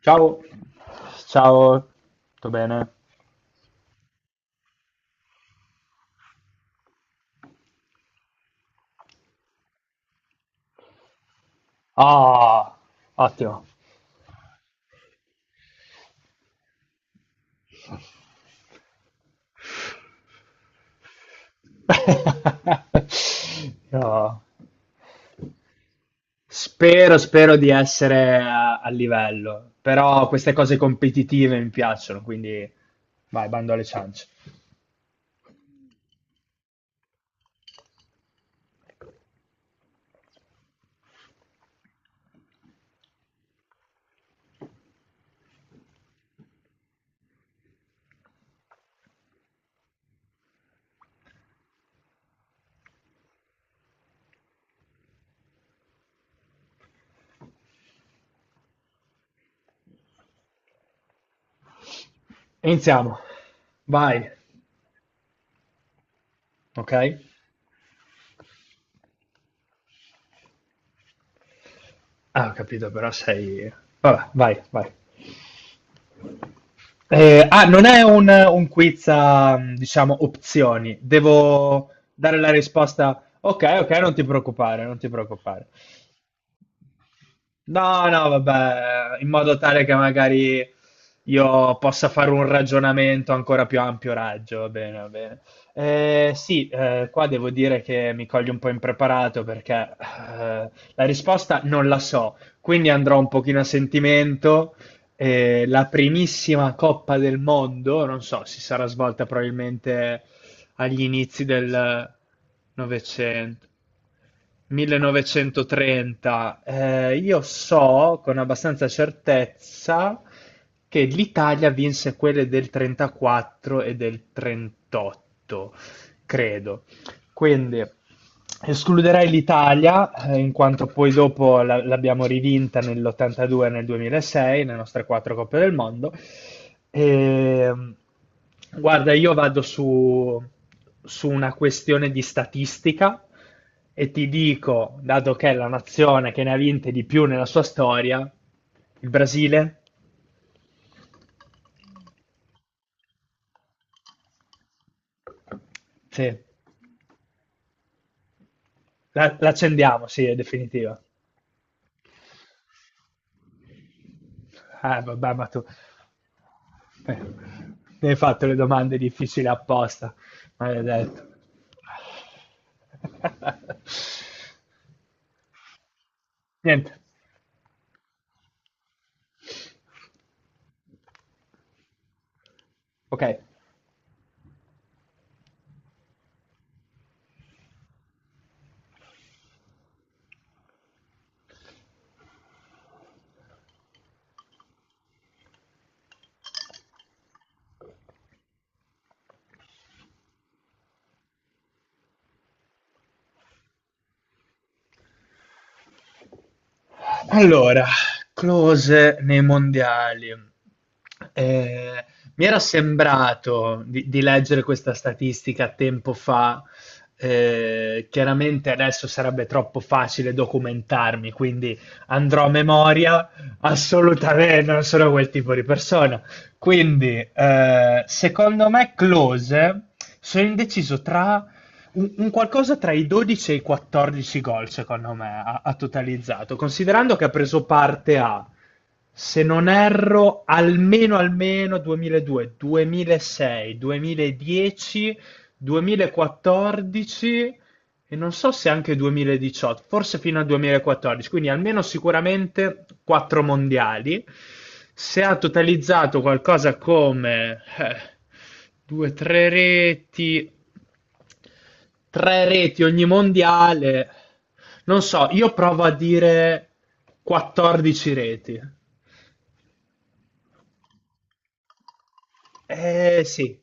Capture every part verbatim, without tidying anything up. Ciao, ciao, tutto bene? Ah, ottimo. Io Spero, spero di essere a, a livello, però queste cose competitive mi piacciono, quindi vai, bando alle ciance. Iniziamo, vai, ok? Ah, ho capito, però sei... Vabbè, vai, vai. Eh, ah, non è un, un quiz a, diciamo, opzioni. Devo dare la risposta. Ok, ok, non ti preoccupare, non ti preoccupare. No, no, vabbè, in modo tale che magari io possa fare un ragionamento ancora più ampio raggio, va bene, va bene. Eh, sì, eh, qua devo dire che mi coglie un po' impreparato perché eh, la risposta non la so, quindi andrò un pochino a sentimento. Eh, la primissima Coppa del Mondo, non so, si sarà svolta probabilmente agli inizi del Novecento. millenovecentotrenta. Eh, io so con abbastanza certezza che l'Italia vinse quelle del trentaquattro e del trentotto, credo. Quindi escluderei l'Italia, eh, in quanto poi dopo la- l'abbiamo rivinta nell'ottantadue e nel duemilasei, le nostre quattro Coppe del Mondo. E, guarda, io vado su, su una questione di statistica e ti dico, dato che è la nazione che ne ha vinte di più nella sua storia, il Brasile, sì, la, l'accendiamo, sì, è definitiva. Eh, vabbè, ma tu... Eh, mi hai fatto le domande difficili apposta, maledetto. Niente, ok. Allora, Klose nei mondiali. Eh, mi era sembrato di, di leggere questa statistica tempo fa. eh, chiaramente adesso sarebbe troppo facile documentarmi, quindi andrò a memoria. Assolutamente, non sono quel tipo di persona. Quindi, eh, secondo me, Klose sono indeciso tra un, un qualcosa tra i dodici e i quattordici gol, secondo me, ha, ha totalizzato, considerando che ha preso parte a, se non erro, almeno almeno duemiladue, duemilasei, duemiladieci, duemilaquattordici e non so se anche duemiladiciotto, forse fino al duemilaquattordici, quindi almeno sicuramente quattro mondiali. Se ha totalizzato qualcosa come eh, due, tre reti, tre reti ogni mondiale, non so, io provo a dire quattordici reti. Eh sì,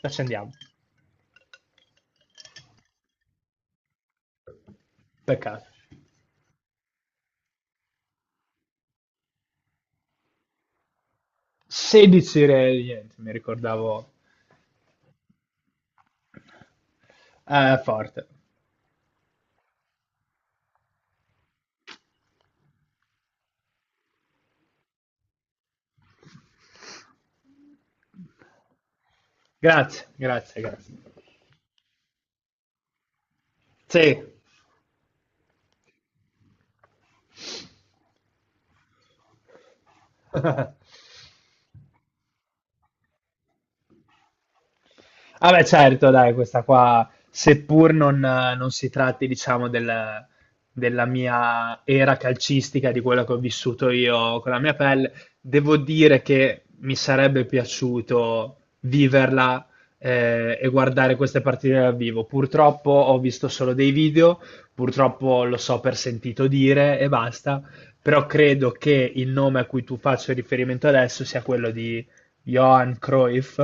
accendiamo, peccato. sedici reti, niente, mi ricordavo eh, forte. Grazie, grazie, grazie. Sì. Ah beh, certo, dai, questa qua, seppur non, non si tratti, diciamo, del- della mia era calcistica, di quello che ho vissuto io con la mia pelle, devo dire che mi sarebbe piaciuto viverla eh, e guardare queste partite dal vivo. Purtroppo ho visto solo dei video, purtroppo lo so per sentito dire e basta, però credo che il nome a cui tu faccio riferimento adesso sia quello di Johan Cruyff,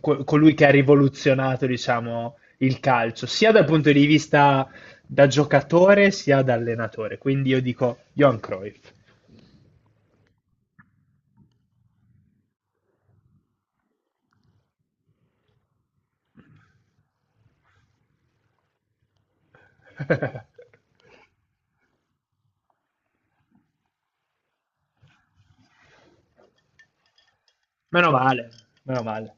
co- colui che ha rivoluzionato, diciamo, il calcio, sia dal punto di vista da giocatore sia da allenatore. Quindi io dico Johan Cruyff. Meno male, meno male.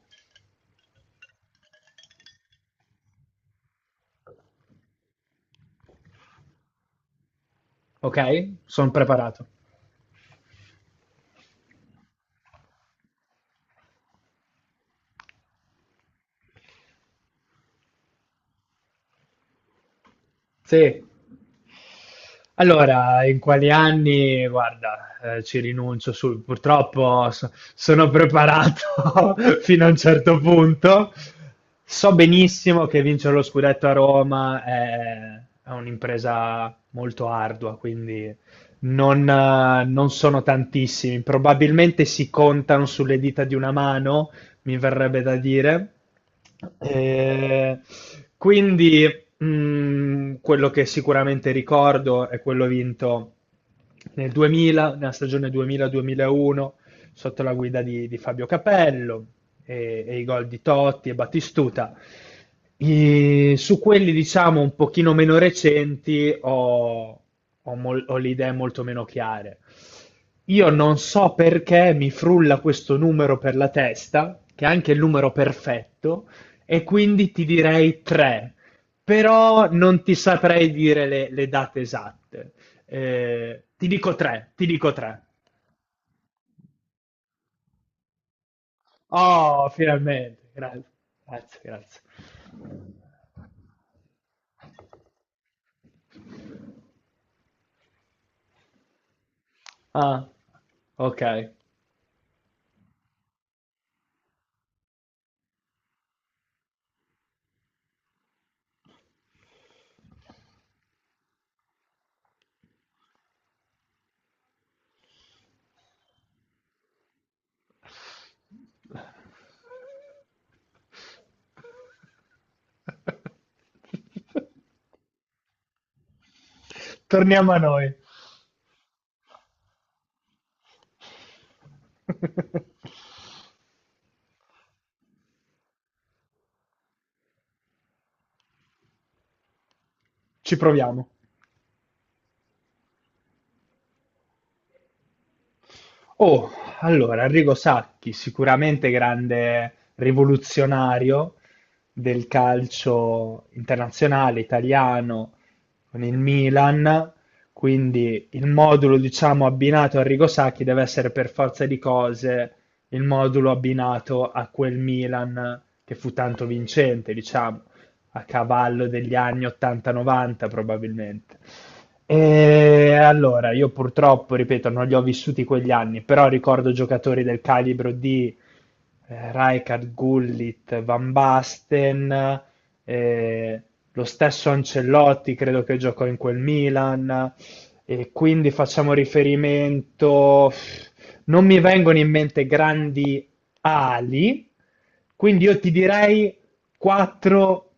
Ok? Sono preparato. Sì. Allora, in quali anni? Guarda, eh, ci rinuncio sul, purtroppo so- sono preparato fino a un certo punto. So benissimo che vincere lo scudetto a Roma è, è un'impresa molto ardua, quindi non, eh, non sono tantissimi. Probabilmente si contano sulle dita di una mano, mi verrebbe da dire. Eh, quindi mh, quello che sicuramente ricordo è quello vinto nel duemila, nella stagione duemila-duemilauno, sotto la guida di, di Fabio Capello e, e i gol di Totti e Battistuta. I- su quelli, diciamo, un pochino meno recenti ho, ho mol- ho le idee molto meno chiare. Io non so perché mi frulla questo numero per la testa, che è anche il numero perfetto, e quindi ti direi tre, però non ti saprei dire le, le date esatte. Eh, ti dico tre, ti dico tre. Oh, finalmente, grazie, grazie, grazie. Ah, ok. Torniamo a noi. Ci proviamo. Oh, allora, Arrigo Sacchi, sicuramente grande rivoluzionario del calcio internazionale italiano con il Milan, quindi il modulo, diciamo, abbinato a Arrigo Sacchi deve essere per forza di cose il modulo abbinato a quel Milan che fu tanto vincente, diciamo, a cavallo degli anni ottanta novanta probabilmente. E allora, io purtroppo, ripeto, non li ho vissuti quegli anni, però ricordo giocatori del calibro di eh, Rijkaard, Gullit, Van Basten, eh, lo stesso Ancelotti credo che giocò in quel Milan, e quindi facciamo riferimento... Non mi vengono in mente grandi ali, quindi io ti direi quattro,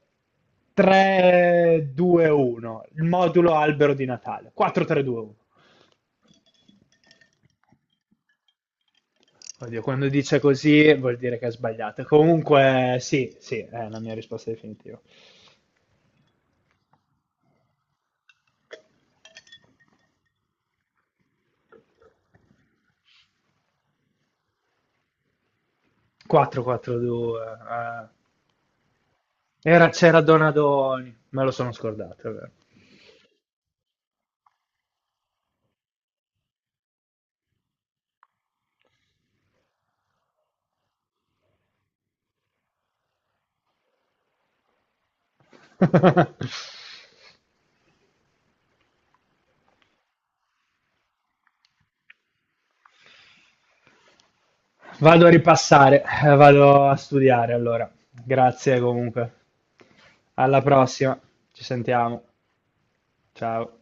tre, due, uno. Il modulo albero di Natale. quattro, tre, due, uno. Oddio, quando dice così vuol dire che è sbagliato. Comunque, sì, sì, è la mia risposta definitiva. quattro, quattro, due. eh. Era- c'era Donadoni. Me lo sono scordato, è vero. Vado a ripassare, eh, vado a studiare allora. Grazie comunque. Alla prossima, ci sentiamo. Ciao.